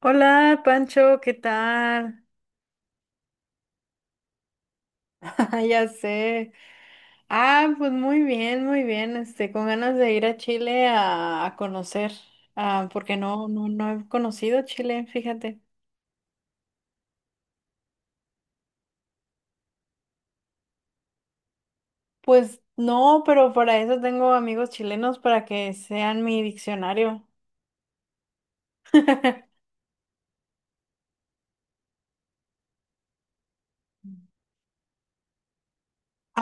Hola, Pancho, ¿qué tal? Ah, ya sé. Ah, pues muy bien, muy bien. Este, con ganas de ir a Chile a conocer, ah, porque no he conocido Chile, fíjate. Pues no, pero para eso tengo amigos chilenos para que sean mi diccionario.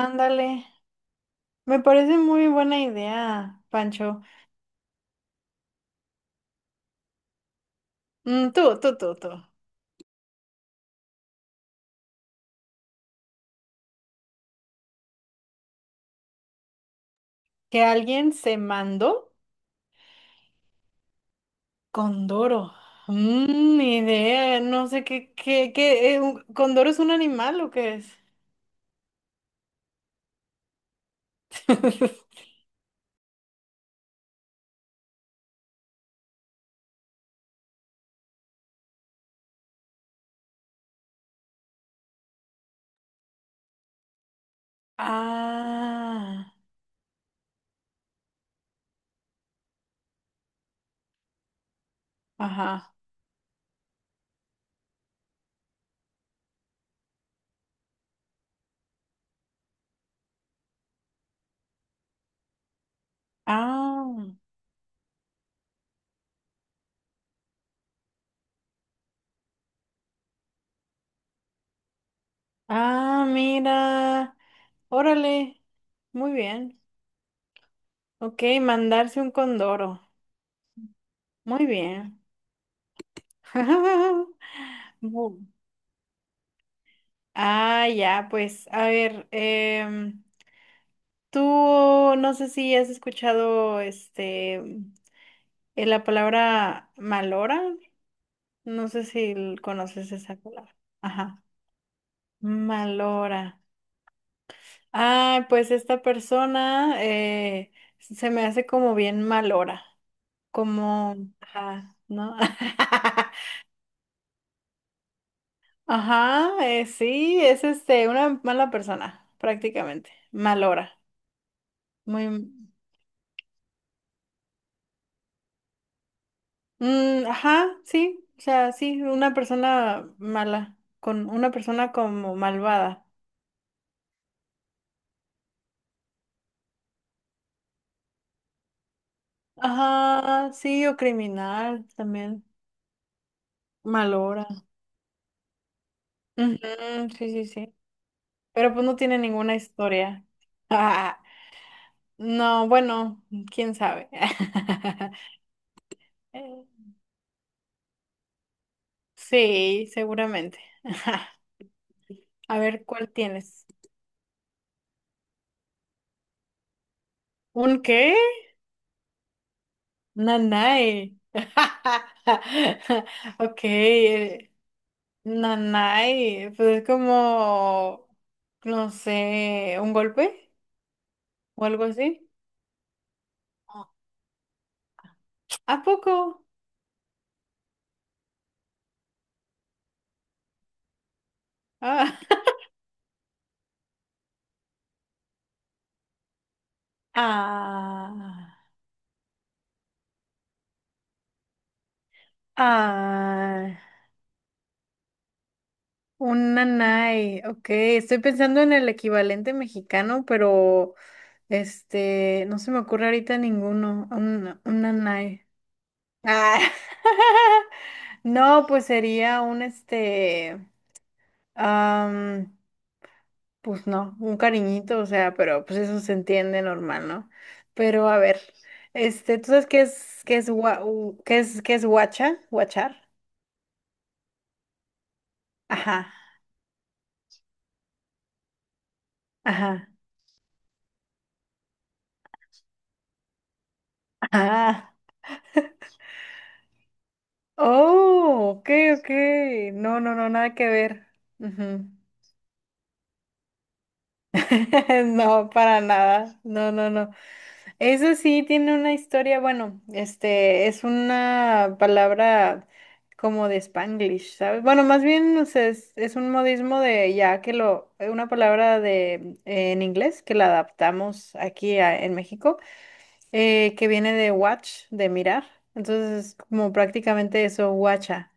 Ándale, me parece muy buena idea, Pancho. Tú. Que alguien se mandó. Condoro. Ni idea, no sé qué, ¿Condoro es un animal o qué es? Ah, ajá. Ah, ah, mira. Órale. Muy bien. Ok, mandarse un condoro. Muy bien. Bu- Ah, ya, pues, a ver, tú no sé si has escuchado este la palabra malora. No sé si conoces esa palabra. Ajá. Malora. Ah, pues esta persona se me hace como bien malora. Como, ajá, ¿no? Ajá, sí, es este, una mala persona, prácticamente. Malora. Muy. Mm, ajá, sí. O sea, sí, una persona mala. Con una persona como malvada. Ajá, sí, o criminal también. Malora. Ujú, sí, sí, sí. Pero pues no tiene ninguna historia. Ah, no, bueno, quién sabe. Sí, seguramente. A ver, ¿cuál tienes? ¿Un qué? Nanay. Ok, nanay. Pues es como, no sé, un golpe o algo así. ¿A poco? Ah. Ah. Ah. Un nanay, ok, estoy pensando en el equivalente mexicano, pero este, no se me ocurre ahorita ninguno, un nanay. Ah. No, pues sería un este, am, pues no, un cariñito, o sea, pero pues eso se entiende normal, ¿no? Pero a ver, este, ¿tú sabes qué es, gua- u- qué es guacha? ¿Guachar? Ajá, ajá, ajá. Oh, ok, ok. No, no, no, nada que ver. Ujú. No, para nada. No, no, no. Eso sí tiene una historia, bueno, este es una palabra como de Spanglish, ¿sabes? Bueno, más bien o sea, es un modismo de ya que lo, una palabra de en inglés que la adaptamos aquí en México, que viene de watch, de mirar. Entonces es como prácticamente eso, guacha.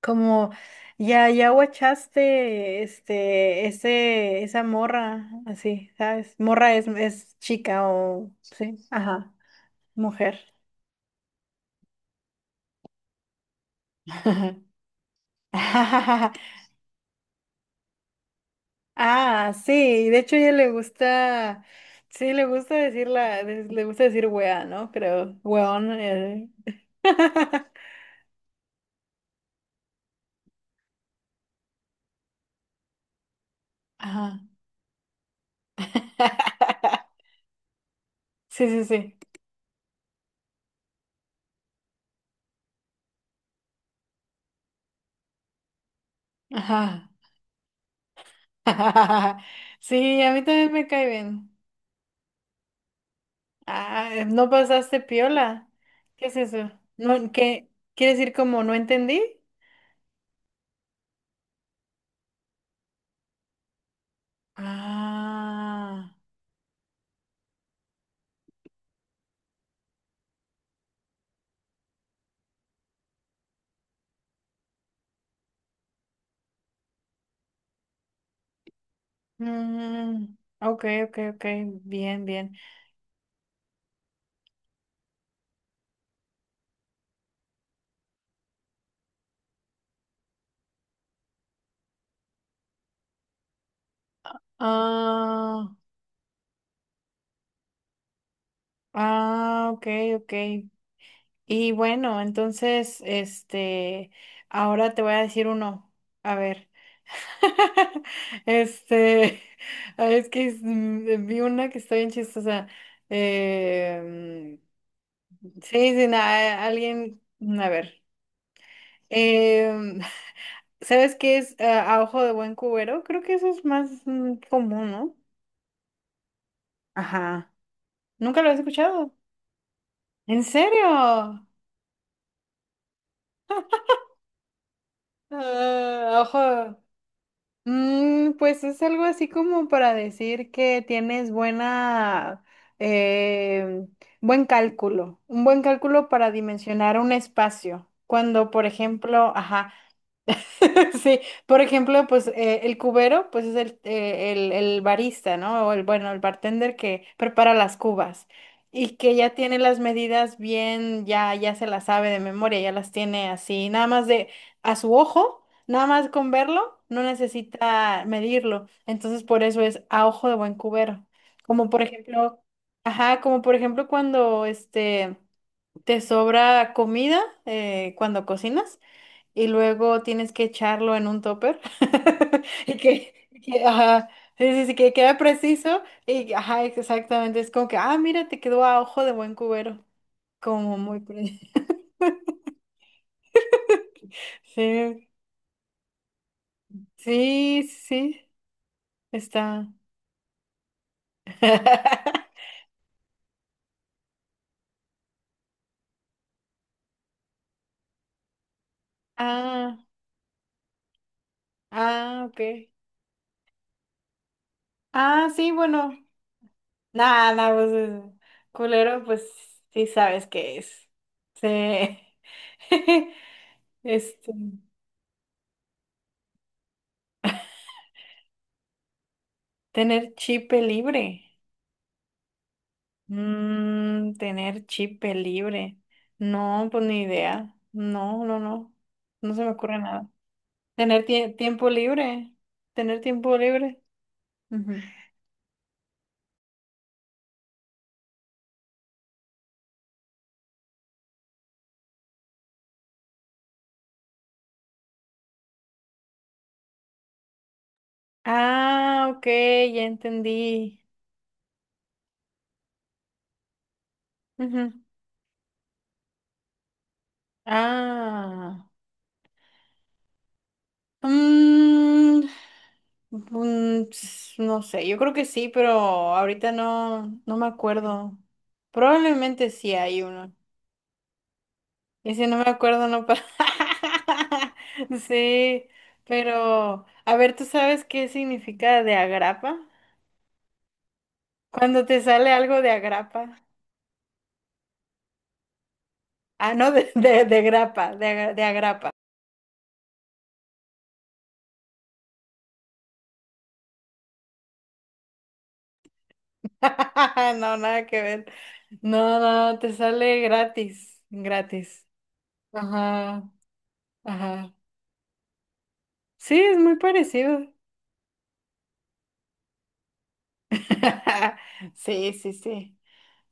Como ya, ya guachaste este, esa morra, así, ¿sabes? Morra es chica o sí, ajá, mujer. Ah, sí, de hecho a ella le gusta, sí, le gusta decir le gusta decir wea, ¿no? Creo, weón. Ajá. Sí, sí, sí. Ajá. Sí, a mí también me cae bien. Ah, no pasaste piola. ¿Qué es eso? No, ¿qué? ¿Quiere decir como no entendí? Ah, mm, ok, ok, ok, bien, bien. Ah, ah, ok, ok. Y bueno, entonces, este, ahora te voy a decir uno. A ver. Este, ay, es que vi una que está bien chistosa. Eh, mm, sí, sí, alguien, a ver. Em, ¿Sabes qué es a ojo de buen cubero? Creo que eso es más común, ¿no? Ajá. ¿Nunca lo has escuchado? ¿En serio? Ah, ojo. Pues es algo así como para decir que tienes buena, eh, buen cálculo, un buen cálculo para dimensionar un espacio. Cuando, por ejemplo, ajá. Sí, por ejemplo, pues el cubero, pues es el barista, ¿no? O el, bueno, el bartender que prepara las cubas y que ya tiene las medidas bien, ya, ya se las sabe de memoria, ya las tiene así, nada más de a su ojo, nada más con verlo, no necesita medirlo. Entonces, por eso es a ojo de buen cubero. Como por ejemplo, ajá, como por ejemplo cuando este te sobra comida cuando cocinas y luego tienes que echarlo en un topper y que, ajá, sí, sí, sí, que queda preciso y ajá, exactamente, es como que, ah, mira, te quedó a ojo de buen cubero, como muy Sí, sí, sí, está. Ah, ah, ok. Ah, sí, bueno, nada, nada, pues culero, pues sí sabes qué es. Sí. Este, tener chip libre. Tener chip libre. No, pues ni idea. No, no, no. No se me ocurre nada. Tener tiempo libre. Tener tiempo libre. Ujú. Ah, ok, ya entendí. Ujú. Ah. Mm, Ps, no sé, yo creo que sí, pero ahorita no, no me acuerdo. Probablemente sí hay uno. Y si no me acuerdo, no pasa. Sí, pero a ver, ¿tú sabes qué significa de agrapa? Cuando te sale algo de agrapa. Ah, no, de grapa, de agrapa. No, nada que ver. No, no, te sale gratis, gratis. Ajá, ajá. Sí, es muy parecido. Sí, sí, sí.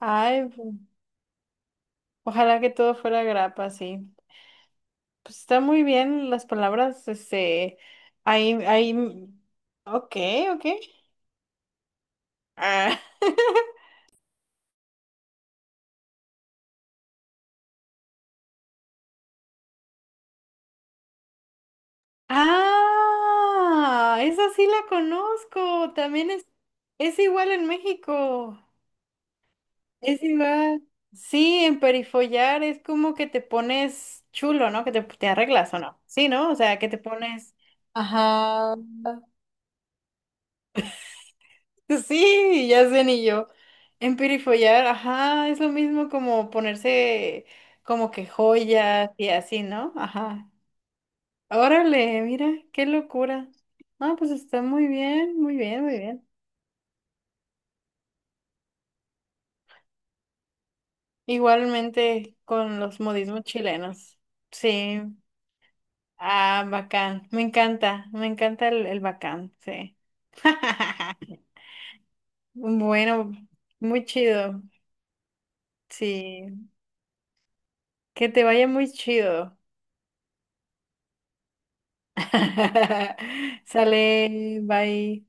Ay, ojalá que todo fuera grapa, sí. Pues está muy bien las palabras, este, ahí, ahí, ok, ok. Ah. Ah, esa sí la conozco, también es igual en México, es igual. Sí, en perifollar es como que te pones chulo, ¿no? Que te arreglas o no. Sí, ¿no? O sea, que te pones. Ajá. Sí, ya sé, ni yo. Emperifollar, ajá, es lo mismo como ponerse como que joyas y así, ¿no? Ajá. Órale, mira, qué locura. Ah, pues está muy bien, muy bien, muy bien. Igualmente con los modismos chilenos. Sí. Ah, bacán. Me encanta el bacán, sí. Bueno, muy chido. Sí. Que te vaya muy chido. Sale, bye.